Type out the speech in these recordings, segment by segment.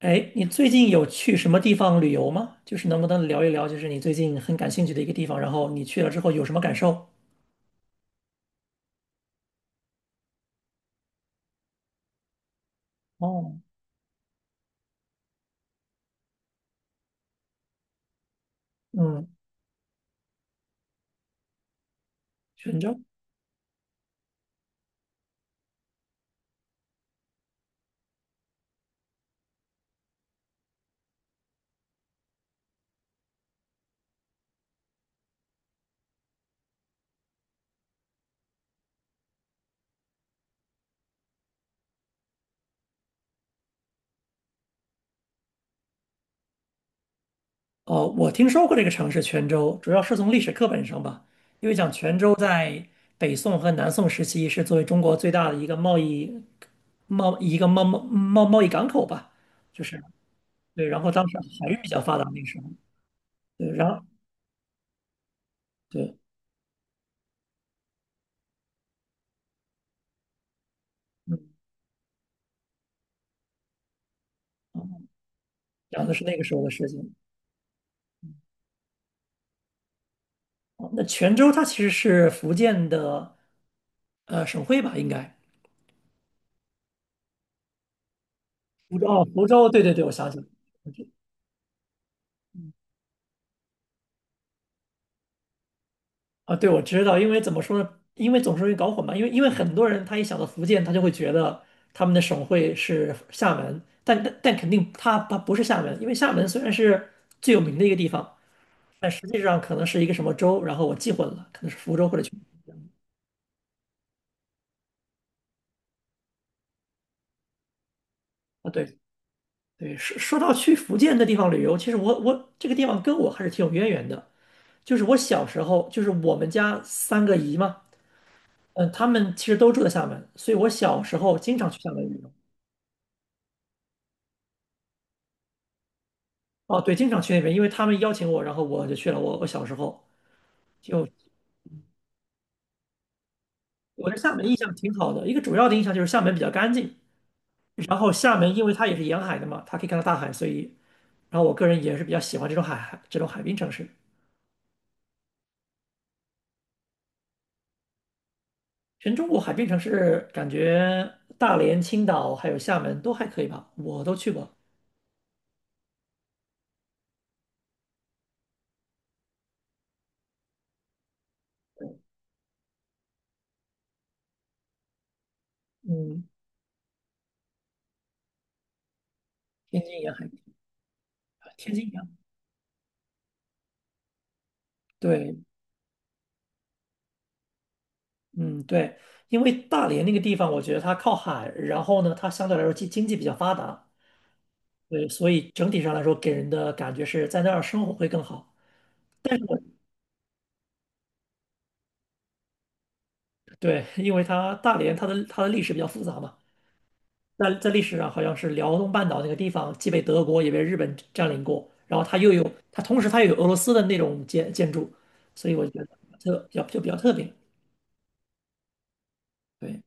哎，你最近有去什么地方旅游吗？就是能不能聊一聊，就是你最近很感兴趣的一个地方，然后你去了之后有什么感受？哦，嗯，泉州。哦，我听说过这个城市泉州，主要是从历史课本上吧，因为讲泉州在北宋和南宋时期是作为中国最大的一个贸易贸一个贸贸贸贸易港口吧，就是对，然后当时还是比较发达那个时候，对，然后对，嗯，讲的是那个时候的事情。哦那泉州它其实是福建的省会吧，应该。福州哦，福州，对对对，我想起来了，我知啊，对，我知道，因为怎么说呢？因为总是容易搞混嘛，因为很多人他一想到福建，他就会觉得他们的省会是厦门，但肯定他不是厦门，因为厦门虽然是最有名的一个地方，但实际上可能是一个什么州，然后我记混了，可能是福州或者啊，对对，说到去福建的地方旅游，其实我这个地方跟我还是挺有渊源的。就是我小时候，就是我们家三个姨嘛，嗯，他们其实都住在厦门，所以我小时候经常去厦门旅游。哦，对，经常去那边，因为他们邀请我，然后我就去了。我小时候就我对厦门印象挺好的，一个主要的印象就是厦门比较干净，然后厦门因为它也是沿海的嘛，它可以看到大海，所以然后我个人也是比较喜欢这种海滨城市。全中国海滨城市感觉大连、青岛还有厦门都还可以吧，我都去过。嗯，天津沿海，天津沿海，对，嗯，对，因为大连那个地方，我觉得它靠海，然后呢，它相对来说经济比较发达，对，所以整体上来说给人的感觉是在那儿生活会更好。但是我对，因为它大连它的历史比较复杂嘛，在历史上好像是辽东半岛那个地方既被德国也被日本占领过，然后它同时它又有俄罗斯的那种建筑，所以我觉得特比较就比较特别。对，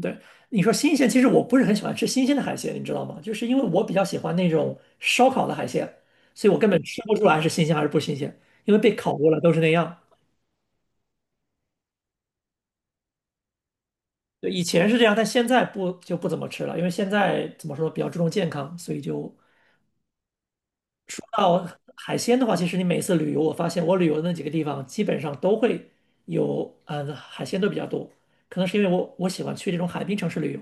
对，你说新鲜，其实我不是很喜欢吃新鲜的海鲜，你知道吗？就是因为我比较喜欢那种烧烤的海鲜，所以我根本吃不出来是新鲜还是不新鲜，因为被烤过了都是那样。对，以前是这样，但现在不就不怎么吃了，因为现在怎么说比较注重健康，所以就到海鲜的话，其实你每次旅游，我发现我旅游的那几个地方基本上都会有，嗯，海鲜都比较多，可能是因为我喜欢去这种海滨城市旅游。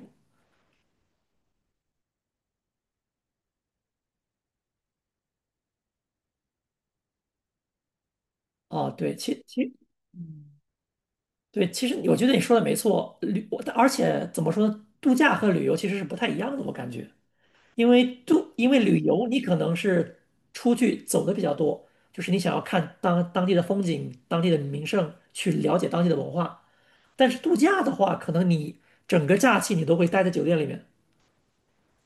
哦，对，对，其实我觉得你说的没错，而且怎么说呢，度假和旅游其实是不太一样的，我感觉，因为旅游你可能是出去走的比较多，就是你想要看当地的风景、当地的名胜，去了解当地的文化。但是度假的话，可能你整个假期你都会待在酒店里面，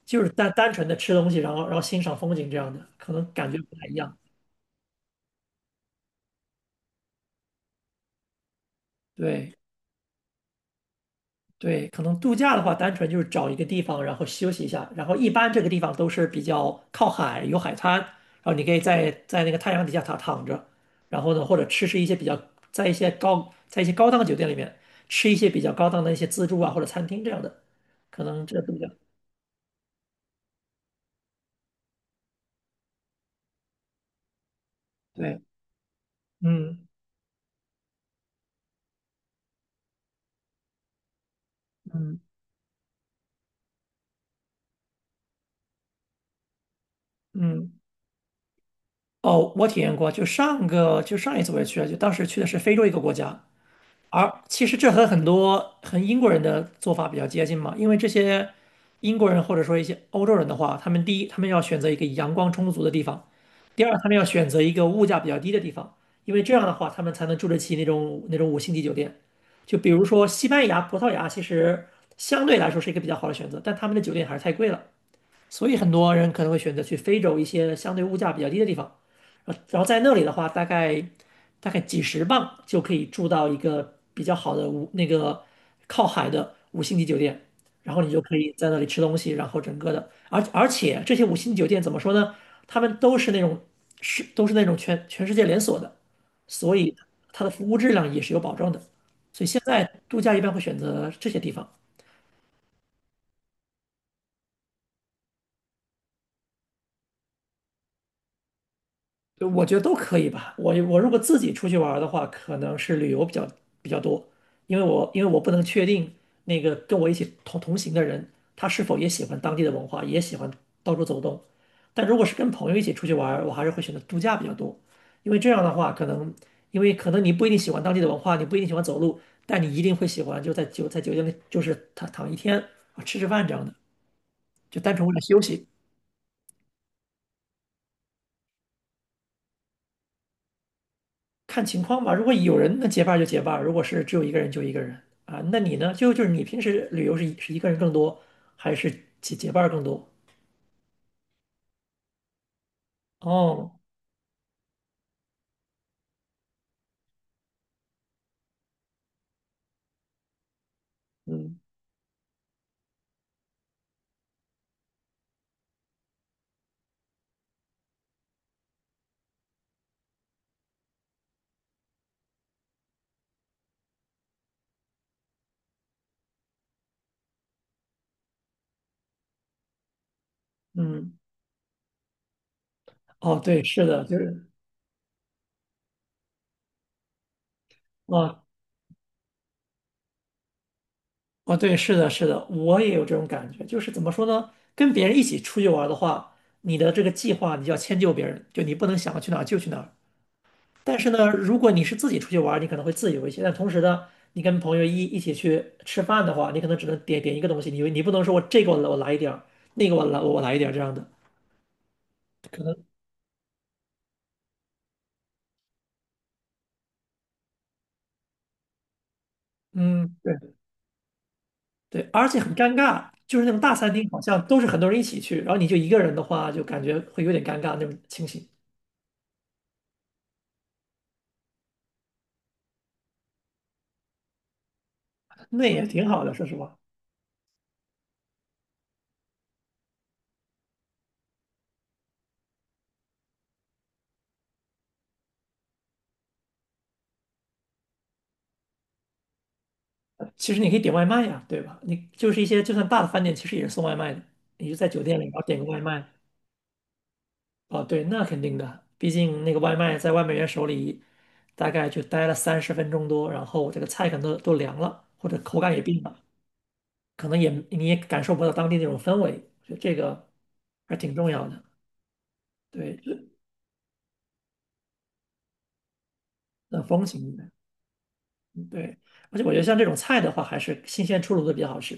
就是单纯的吃东西，然后欣赏风景这样的，可能感觉不太一样。对。对，可能度假的话，单纯就是找一个地方，然后休息一下。然后一般这个地方都是比较靠海，有海滩，然后你可以在那个太阳底下躺着，然后呢，或者吃一些比较在一些高在一些高档酒店里面吃一些比较高档的一些自助啊或者餐厅这样的，可能这个度假。对，嗯嗯嗯。哦，我体验过，就上一次我也去了，就当时去的是非洲一个国家，而其实这和很多和英国人的做法比较接近嘛，因为这些英国人或者说一些欧洲人的话，他们第一，他们要选择一个阳光充足的地方；第二，他们要选择一个物价比较低的地方，因为这样的话，他们才能住得起那种五星级酒店。就比如说西班牙、葡萄牙，其实相对来说是一个比较好的选择，但他们的酒店还是太贵了。所以很多人可能会选择去非洲一些相对物价比较低的地方，然后在那里的话，大概几十磅就可以住到一个比较好的那个靠海的五星级酒店，然后你就可以在那里吃东西，然后整个的，而且这些五星级酒店怎么说呢？他们都是那种全世界连锁的，所以它的服务质量也是有保证的，所以现在度假一般会选择这些地方。对我觉得都可以吧。我如果自己出去玩儿的话，可能是旅游比较多，因为我不能确定那个跟我一起同行的人，他是否也喜欢当地的文化，也喜欢到处走动。但如果是跟朋友一起出去玩儿，我还是会选择度假比较多，因为这样的话，因为可能你不一定喜欢当地的文化，你不一定喜欢走路，但你一定会喜欢就在酒店里就是躺一天啊，吃饭这样的，就单纯为了休息。看情况吧。如果有人那结伴儿就结伴儿，如果是只有一个人就一个人啊。那你呢？就是你平时旅游是一个人更多，还是结伴儿更多？哦，嗯嗯，哦对，是的，就是哦哦对，是的，是的，我也有这种感觉。就是怎么说呢？跟别人一起出去玩儿的话，你的这个计划你就要迁就别人，就你不能想去哪儿就去哪儿。但是呢，如果你是自己出去玩你可能会自由一些。但同时呢，你跟朋友一起去吃饭的话，你可能只能点一个东西，你不能说我这个我来一点儿，那个我来一点儿这样的，可能嗯对对，而且很尴尬，就是那种大餐厅好像都是很多人一起去，然后你就一个人的话，就感觉会有点尴尬那种情形。那也挺好的，说实话。其实你可以点外卖呀，对吧？你就是一些就算大的饭店，其实也是送外卖的，你就在酒店里然后点个外卖，哦，对，那肯定的，毕竟那个外卖在外卖员手里大概就待了三十分钟多，然后这个菜可能都凉了，或者口感也变了，可能也你也感受不到当地那种氛围，我觉得这个还挺重要的。对，这那风情。对，而且我觉得像这种菜的话，还是新鲜出炉的比较好吃。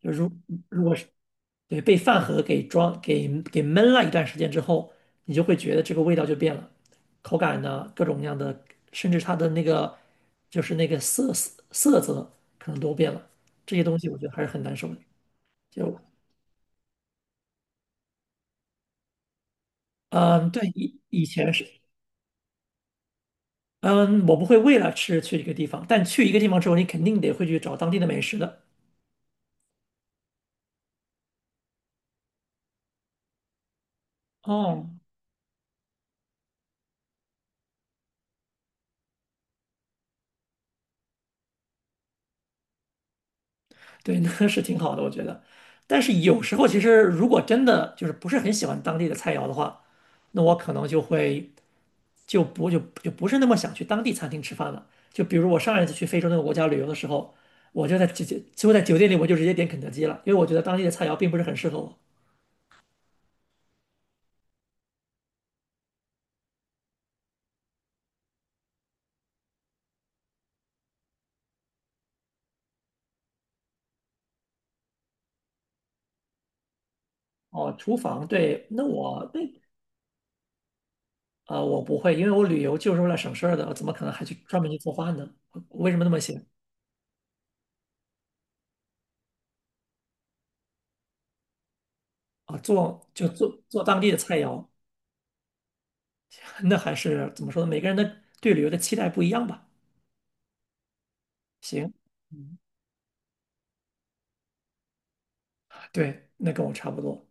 就如如果是对被饭盒给装给闷了一段时间之后，你就会觉得这个味道就变了，口感呢，各种各样的，甚至它的那个就是那个色泽可能都变了。这些东西我觉得还是很难受的。就嗯，对，以前是，嗯，我不会为了吃去一个地方，但去一个地方之后，你肯定得会去找当地的美食的。哦，对，那是挺好的，我觉得。但是有时候，其实如果真的就是不是很喜欢当地的菜肴的话，那我可能就会就不就就不是那么想去当地餐厅吃饭了。就比如我上一次去非洲那个国家旅游的时候，我就在直接就在酒店里，我就直接点肯德基了，因为我觉得当地的菜肴并不是很适合我。哦，厨房，对，那我那我不会，因为我旅游就是为了省事儿的，我怎么可能还去专门去做饭呢？我为什么那么写啊？做就做做当地的菜肴。那还是怎么说呢？每个人的对旅游的期待不一样吧。行，对，那跟我差不多。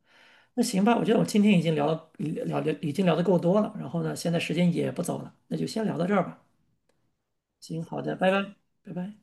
那行吧，我觉得我今天已经聊了聊聊已经聊得够多了，然后呢，现在时间也不早了，那就先聊到这儿吧。行，好的，拜拜，拜拜。